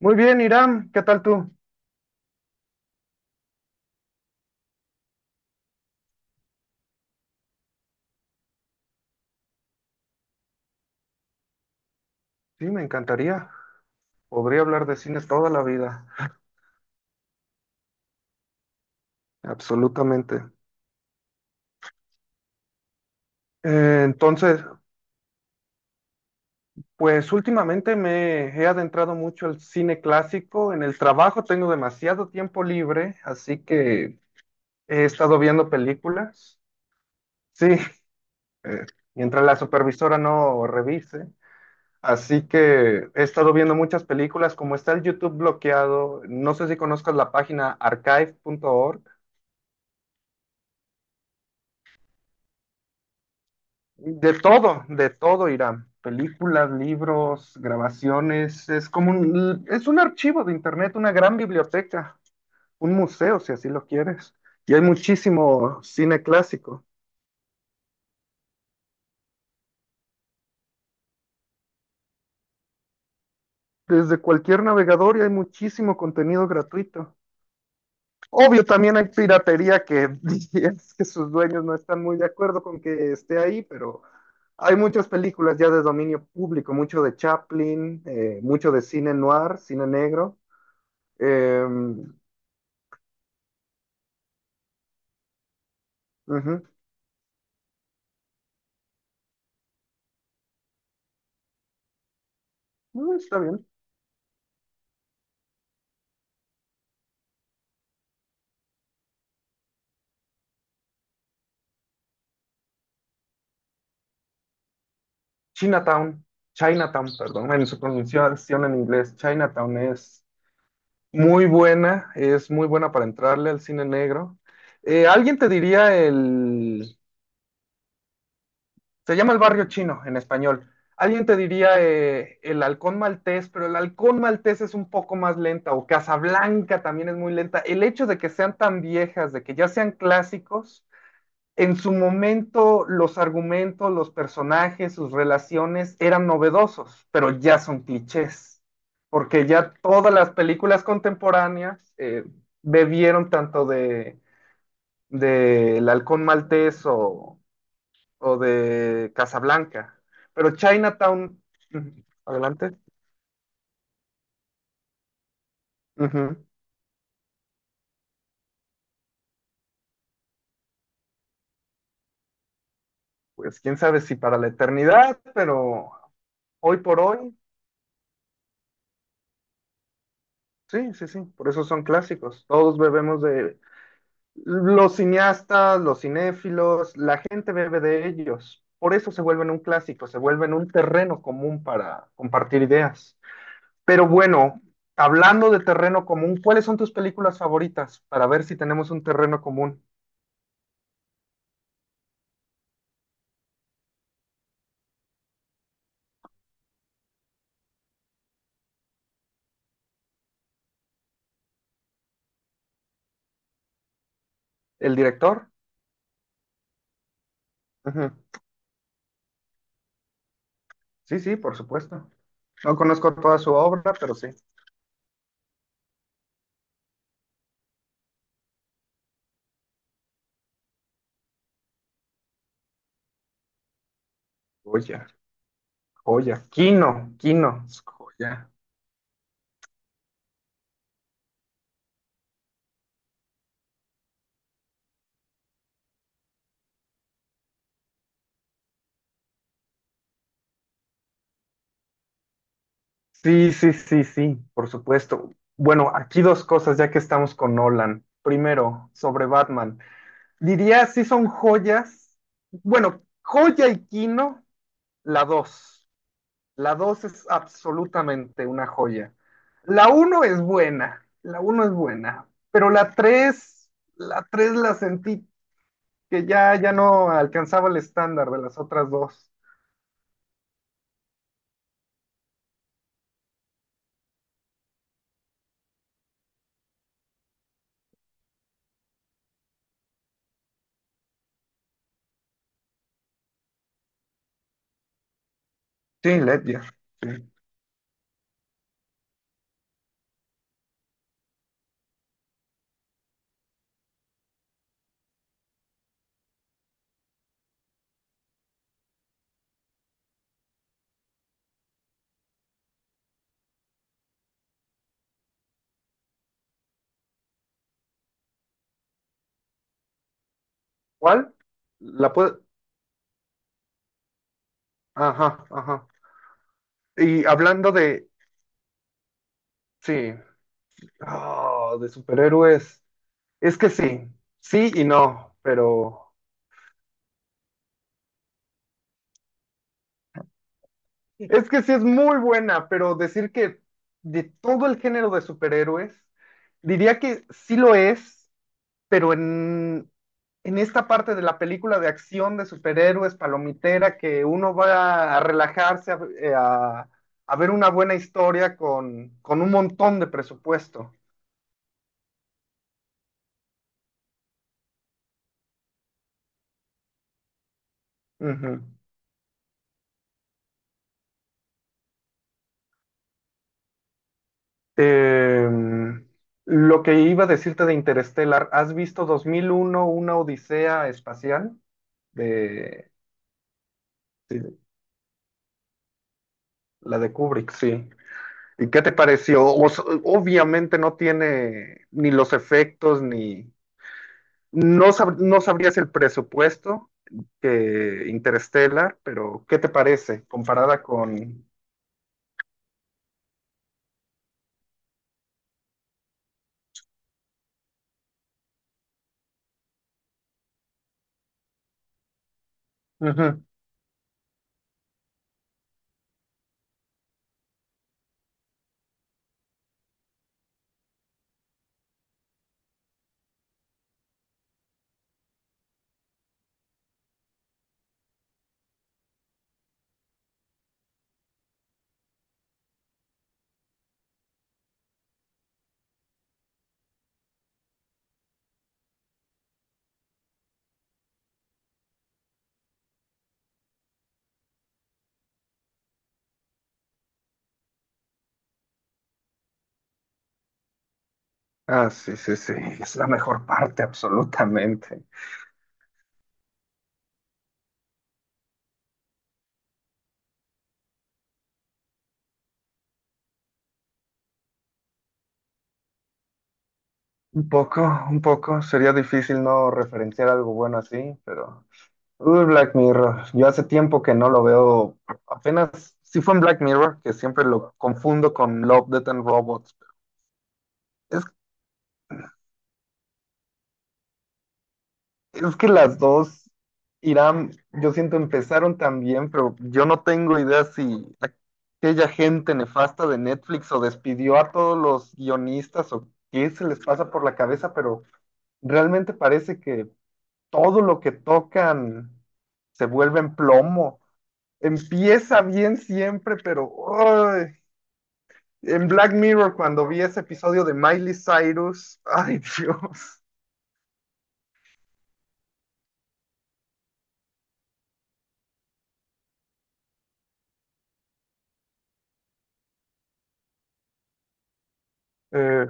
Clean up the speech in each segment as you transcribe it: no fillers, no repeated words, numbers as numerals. Muy bien, Irán, ¿qué tal tú? Sí, me encantaría. Podría hablar de cine toda la vida, absolutamente. Eh, entonces, pues últimamente me he adentrado mucho al cine clásico. En el trabajo tengo demasiado tiempo libre, así que he estado viendo películas. Sí, eh, mientras la supervisora no revise. Así que he estado viendo muchas películas, como está el YouTube bloqueado. No sé si conozcas la página archive.org. De todo, Irán. Películas, libros, grabaciones. Es un archivo de internet, una gran biblioteca, un museo, si así lo quieres. Y hay muchísimo cine clásico. Desde cualquier navegador y hay muchísimo contenido gratuito. Obvio, también hay piratería que es que sus dueños no están muy de acuerdo con que esté ahí, pero hay muchas películas ya de dominio público, mucho de Chaplin, mucho de cine noir, cine negro. Eh, Ujú. No, está bien. Chinatown, Chinatown, perdón, en su pronunciación en inglés, Chinatown es muy buena para entrarle al cine negro. Alguien te diría se llama el barrio chino en español. Alguien te diría el Halcón Maltés, pero el Halcón Maltés es un poco más lenta, o Casablanca también es muy lenta. El hecho de que sean tan viejas, de que ya sean clásicos, en su momento los argumentos, los personajes, sus relaciones eran novedosos, pero ya son clichés, porque ya todas las películas contemporáneas bebieron tanto de El Halcón Maltés o de Casablanca, pero Chinatown, ujú, adelante, ujú, pues quién sabe si para la eternidad, pero hoy por hoy, sí, sí, sí, por eso son clásicos, todos bebemos de los cineastas, los cinéfilos, la gente bebe de ellos. Por eso se vuelven un clásico, se vuelven un terreno común para compartir ideas. Pero bueno, hablando de terreno común, ¿cuáles son tus películas favoritas? Para ver si tenemos un terreno común. ¿El director? Ujú. Sí, sí, por supuesto. No conozco toda su obra, pero sí. Joya, joya. Kino, Kino, es joya. Sí, sí, sí, sí, por supuesto. Bueno, aquí dos cosas ya que estamos con Nolan. Primero, sobre Batman. Diría si son joyas. Bueno, joya y Kino, la dos. La dos es absolutamente una joya. La uno es buena, la uno es buena, pero la tres, la tres la sentí que ya no alcanzaba el estándar de las otras dos. Sí, Ledger. Sí. ¿Cuál? La puede... Ajá, ajá. Y hablando de, sí, ah, de superhéroes, es que sí, sí y no, pero es que sí es muy buena, pero decir que de todo el género de superhéroes, diría que sí lo es, pero en esta parte de la película de acción de superhéroes, palomitera, que uno va a relajarse, a ver una buena historia con un montón de presupuesto. Ujú. Eh, lo que iba a decirte de Interstellar, ¿has visto 2001, una odisea espacial? De, sí, la de Kubrick, sí. ¿Y qué te pareció? Obviamente no tiene ni los efectos, ni... No sabrías el presupuesto que Interstellar, pero ¿qué te parece comparada con... Ujú. Ah, sí, sí, sí, es la mejor parte, absolutamente. Un poco, un poco. Sería difícil no referenciar algo bueno así, pero... Uy, Black Mirror. Yo hace tiempo que no lo veo. Apenas... Sí fue en Black Mirror, que siempre lo confundo con Love, Death and Robots. Es, es que las dos, Irán, yo siento empezaron tan bien, pero yo no tengo idea si aquella gente nefasta de Netflix o despidió a todos los guionistas o qué se les pasa por la cabeza, pero realmente parece que todo lo que tocan se vuelve en plomo. Empieza bien siempre, pero ¡ay! En Black Mirror, cuando vi ese episodio de Miley Cyrus, ay, Dios. Eh,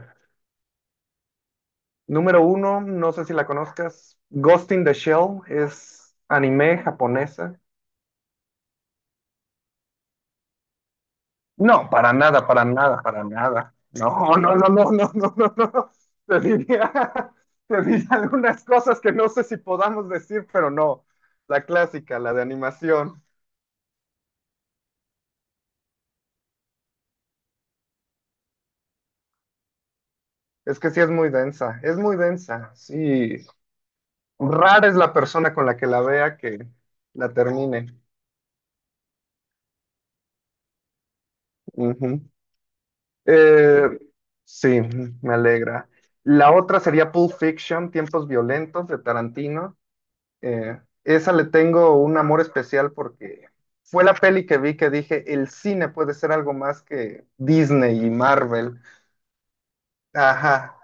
Número uno, no sé si la conozcas, Ghost in the Shell es anime japonesa. No, para nada, para nada, para nada. No, no, no, no, no, no, no, no. Te diría, te diría algunas cosas que no sé si podamos decir, pero no. La clásica, la de animación. Es que sí es muy densa, sí. Rara es la persona con la que la vea que la termine. Ujú. Eh, sí, me alegra. La otra sería Pulp Fiction, Tiempos Violentos de Tarantino. Esa le tengo un amor especial porque fue la peli que vi que dije, el cine puede ser algo más que Disney y Marvel. Ajá.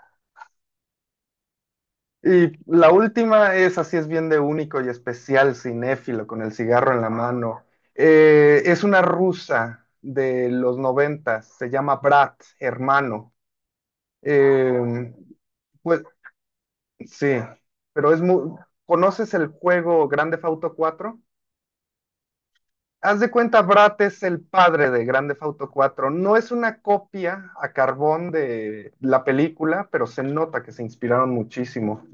Y la última es, así es bien de único y especial, cinéfilo, con el cigarro en la mano. Es una rusa de los noventas, se llama Brat, hermano. Eh, pues sí, pero es muy... ¿Conoces el juego Grand Theft Auto 4 de cuenta, Brat es el padre de Grand Theft Auto 4 es una copia a carbón de la película, pero se nota que se inspiraron muchísimo.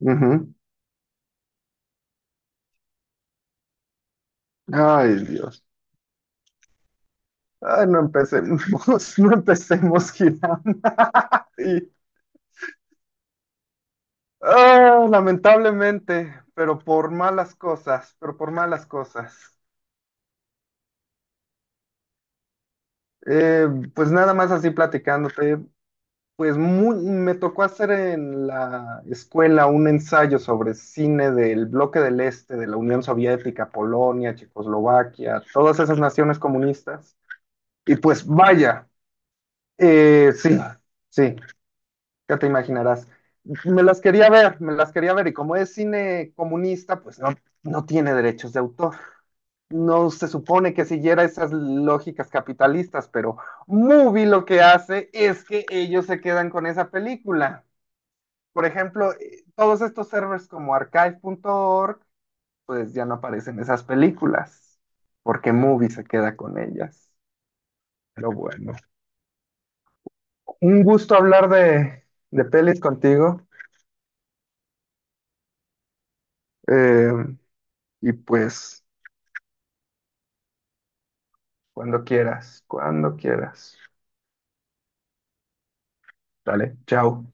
Ujú. Ay, Dios. Ay, no empecemos, no empecemos, Gilán. Sí. Ah, lamentablemente, pero por malas cosas, pero por malas cosas. Eh, pues nada más así platicándote, me tocó hacer en la escuela un ensayo sobre cine del bloque del Este, de la Unión Soviética, Polonia, Checoslovaquia, todas esas naciones comunistas. Y pues vaya, eh, sí, sí, ya te imaginarás. Me las quería ver, me las quería ver, y como es cine comunista, pues no, no tiene derechos de autor. No se supone que siguiera esas lógicas capitalistas, pero Movie lo que hace es que ellos se quedan con esa película. Por ejemplo, todos estos servers como archive.org, pues ya no aparecen esas películas, porque Movie se queda con ellas. Pero bueno, un gusto hablar de pelis contigo. eh, y pues... Cuando quieras, cuando quieras. Dale, chao.